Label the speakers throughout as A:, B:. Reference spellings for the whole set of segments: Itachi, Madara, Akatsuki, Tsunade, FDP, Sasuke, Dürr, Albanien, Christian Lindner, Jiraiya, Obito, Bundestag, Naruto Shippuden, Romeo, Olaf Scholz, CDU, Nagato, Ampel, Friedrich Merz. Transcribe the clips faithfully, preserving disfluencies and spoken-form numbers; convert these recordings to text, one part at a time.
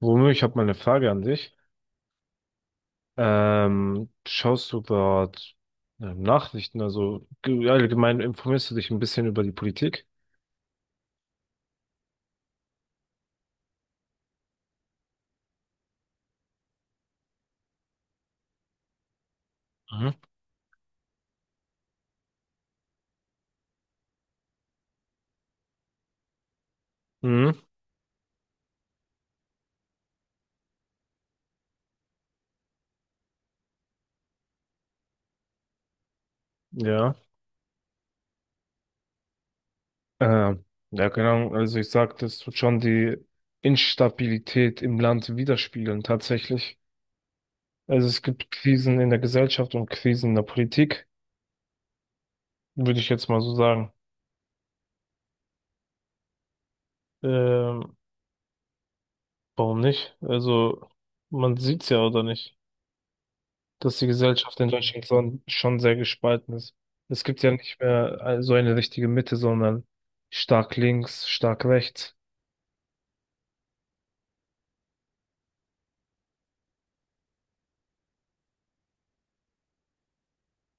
A: Romeo, ich habe mal eine Frage an dich. Ähm, schaust du dort ähm, Nachrichten, also ge- allgemein informierst du dich ein bisschen über die Politik? Mhm. Mhm. Ja. Ähm, ja, genau. Also ich sag, das wird schon die Instabilität im Land widerspiegeln, tatsächlich. Also es gibt Krisen in der Gesellschaft und Krisen in der Politik, würde ich jetzt mal so sagen. Ähm, Warum nicht? Also man sieht's ja, oder nicht, dass die Gesellschaft in Deutschland so schon sehr gespalten ist. Es gibt ja nicht mehr äh, so eine richtige Mitte, sondern stark links, stark rechts.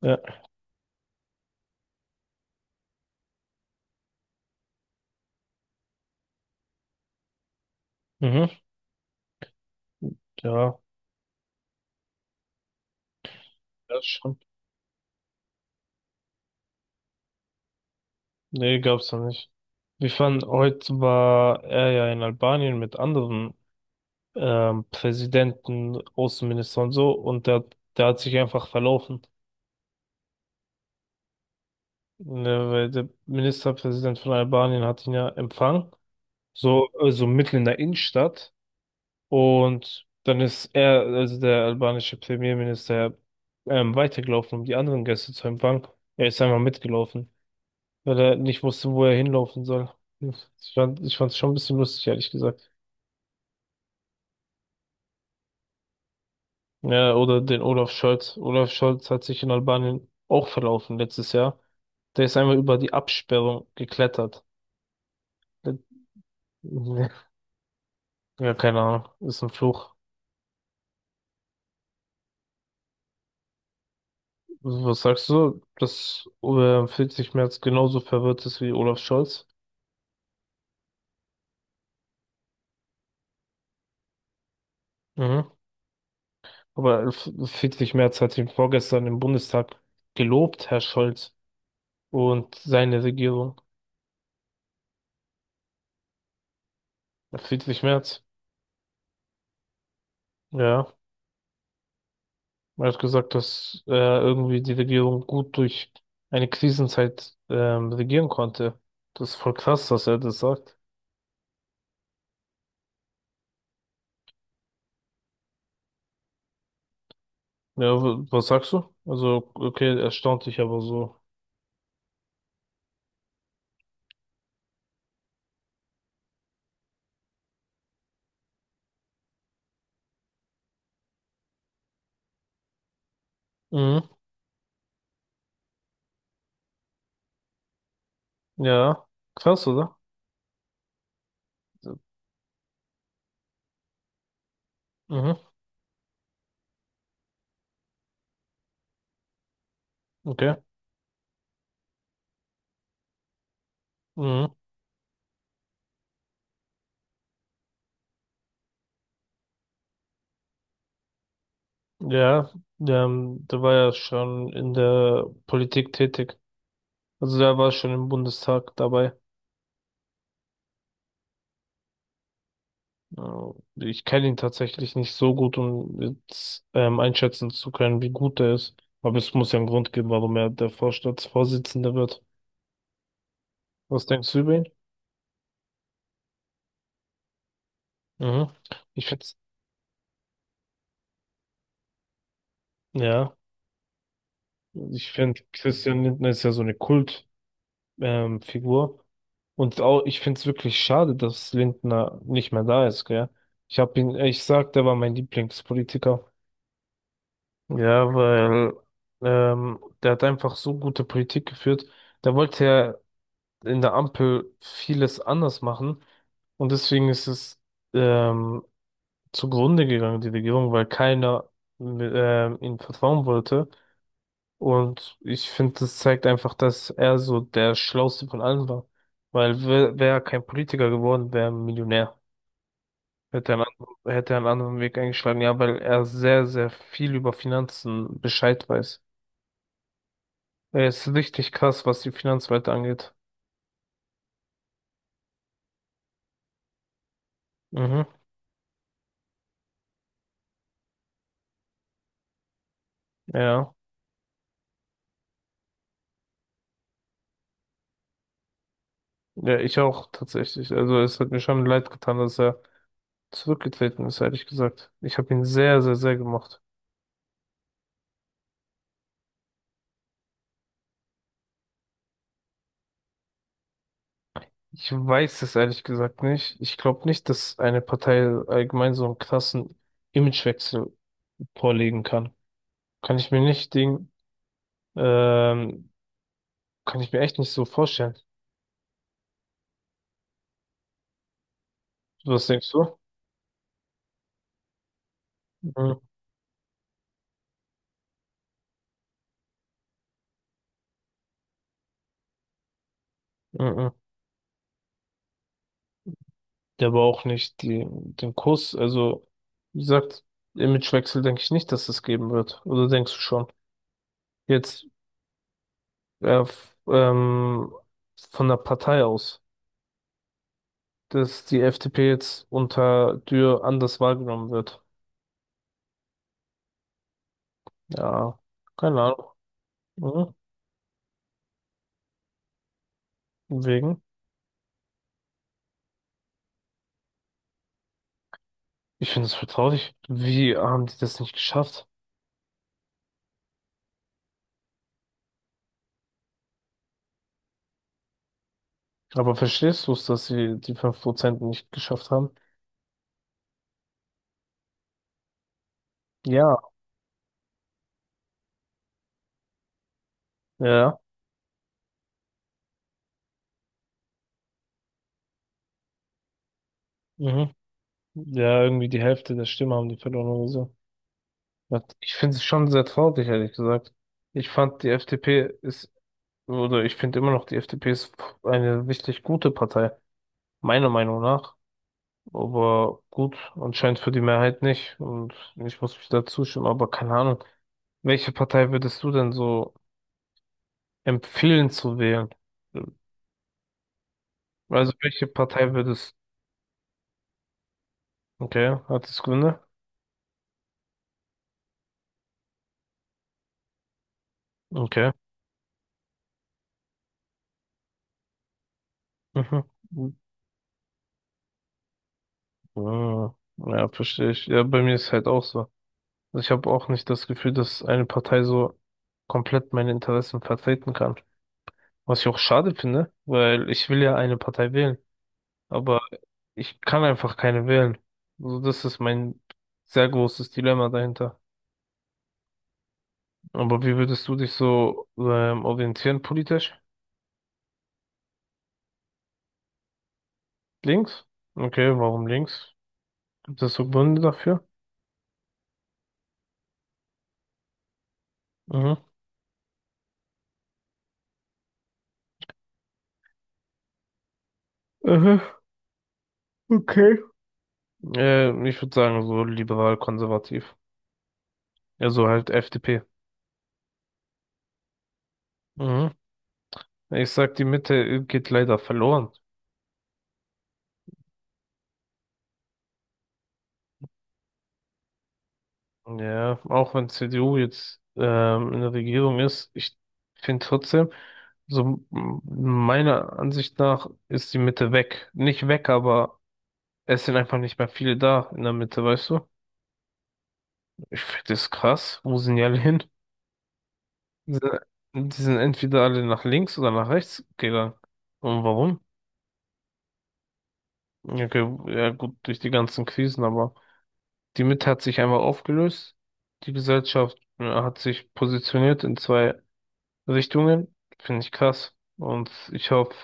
A: Ja, mhm. Ja, ja, schon. Nee, gab's noch nicht. Wir fanden, heute war er ja in Albanien mit anderen ähm, Präsidenten, Außenministern und so, und der, der hat sich einfach verlaufen. Ne, weil der Ministerpräsident von Albanien hat ihn ja empfangen, so, also mitten in der Innenstadt. Und dann ist er, also der albanische Premierminister, ähm, weitergelaufen, um die anderen Gäste zu empfangen. Er ist einfach mitgelaufen, weil er nicht wusste, wo er hinlaufen soll. Ich fand, ich fand's schon ein bisschen lustig, ehrlich gesagt. Ja, oder den Olaf Scholz. Olaf Scholz hat sich in Albanien auch verlaufen letztes Jahr. Der ist einmal über die Absperrung geklettert. Ja, keine Ahnung. Ist ein Fluch. Was sagst du? Das äh, vierzig März genauso verwirrt ist wie Olaf Scholz. Mhm. Aber F- Friedrich Merz hat ihn vorgestern im Bundestag gelobt, Herr Scholz und seine Regierung. Friedrich Merz, ja, er hat gesagt, dass äh, irgendwie die Regierung gut durch eine Krisenzeit ähm, regieren konnte. Das ist voll krass, dass er das sagt. Ja, w- was sagst du? Also, okay, erstaunt dich aber so. Mhm, ja, krass, oder? Mhm, okay. Mhm, ja, ähm, da war ja schon in der Politik tätig. Also der war schon im Bundestag dabei. Äh, Ich kenne ihn tatsächlich nicht so gut, um jetzt ähm, einschätzen zu können, wie gut er ist. Aber es muss ja einen Grund geben, warum er der Vorstandsvorsitzende wird. Was denkst du über ihn? Mhm. Ich finde, ja, ich finde, Christian Lindner ist ja so eine Kult, ähm, Figur. Und auch, ich finde es wirklich schade, dass Lindner nicht mehr da ist, gell? Ich habe ihn, ich sag, der war mein Lieblingspolitiker. Ja, weil ähm, der hat einfach so gute Politik geführt. Der wollte ja in der Ampel vieles anders machen und deswegen ist es ähm, zugrunde gegangen, die Regierung, weil keiner ähm, ihm vertrauen wollte. Und ich finde, das zeigt einfach, dass er so der Schlauste von allen war. Weil wäre wär er kein Politiker geworden, wäre er Millionär. Hätte er einen, anderen- hätte er einen anderen Weg eingeschlagen, ja, weil er sehr, sehr viel über Finanzen Bescheid weiß. Ja, ist richtig krass, was die Finanzwelt angeht. Mhm, ja. Ja, ich auch tatsächlich. Also es hat mir schon leid getan, dass er zurückgetreten ist, ehrlich gesagt. Ich habe ihn sehr, sehr, sehr gemocht. Ich weiß es ehrlich gesagt nicht. Ich glaube nicht, dass eine Partei allgemein so einen krassen Imagewechsel vorlegen kann. Kann ich mir nicht Ding, ähm, Kann ich mir echt nicht so vorstellen. Was denkst du? Mhm. Mhm. Der aber auch nicht die, den Kuss. Also, wie gesagt, Imagewechsel denke ich nicht, dass es geben wird. Oder denkst du schon? Jetzt äh, f- ähm, von der Partei aus, dass die F D P jetzt unter Dürr anders wahrgenommen wird. Ja, keine Ahnung. Mhm. Wegen. Ich finde es vertraulich. Wie haben die das nicht geschafft? Aber verstehst du es, dass sie die fünf Prozent nicht geschafft haben? Ja. Ja. Mhm. Ja, irgendwie die Hälfte der Stimme haben die verloren oder so. Ja, ich finde es schon sehr traurig, ehrlich gesagt. Ich fand, die F D P ist, oder ich finde immer noch, die F D P ist eine richtig gute Partei, meiner Meinung nach. Aber gut, anscheinend für die Mehrheit nicht. Und ich muss mich da zustimmen, aber keine Ahnung. Welche Partei würdest du denn so empfehlen zu wählen? Also, welche Partei würdest, okay, hat es Gründe? Okay. Mhm. Mhm. Ja, verstehe ich. Ja, bei mir ist halt auch so. Also ich habe auch nicht das Gefühl, dass eine Partei so komplett meine Interessen vertreten kann. Was ich auch schade finde, weil ich will ja eine Partei wählen, aber ich kann einfach keine wählen. Also das ist mein sehr großes Dilemma dahinter. Aber wie würdest du dich so ähm, orientieren politisch? Links? Okay, warum links? Gibt es so Gründe dafür? Mhm. Aha, okay. Äh, ich würde sagen, so liberal-konservativ. Ja so halt F D P. Mhm. Ich sag, die Mitte geht leider verloren. Ja, auch wenn C D U jetzt ähm, in der Regierung ist, ich finde trotzdem, so m- meiner Ansicht nach ist die Mitte weg. Nicht weg, aber es sind einfach nicht mehr viele da in der Mitte, weißt du? Ich finde das krass. Wo sind die alle hin? Die sind, die sind entweder alle nach links oder nach rechts gegangen. Und warum? Okay, ja gut, durch die ganzen Krisen, aber. Die Mitte hat sich einmal aufgelöst. Die Gesellschaft äh, hat sich positioniert in zwei Richtungen. Finde ich krass. Und ich hoffe,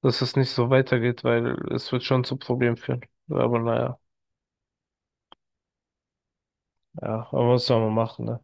A: dass es nicht so weitergeht, weil es wird schon zu Problemen führen. Aber naja, ja, aber was soll man machen, ne?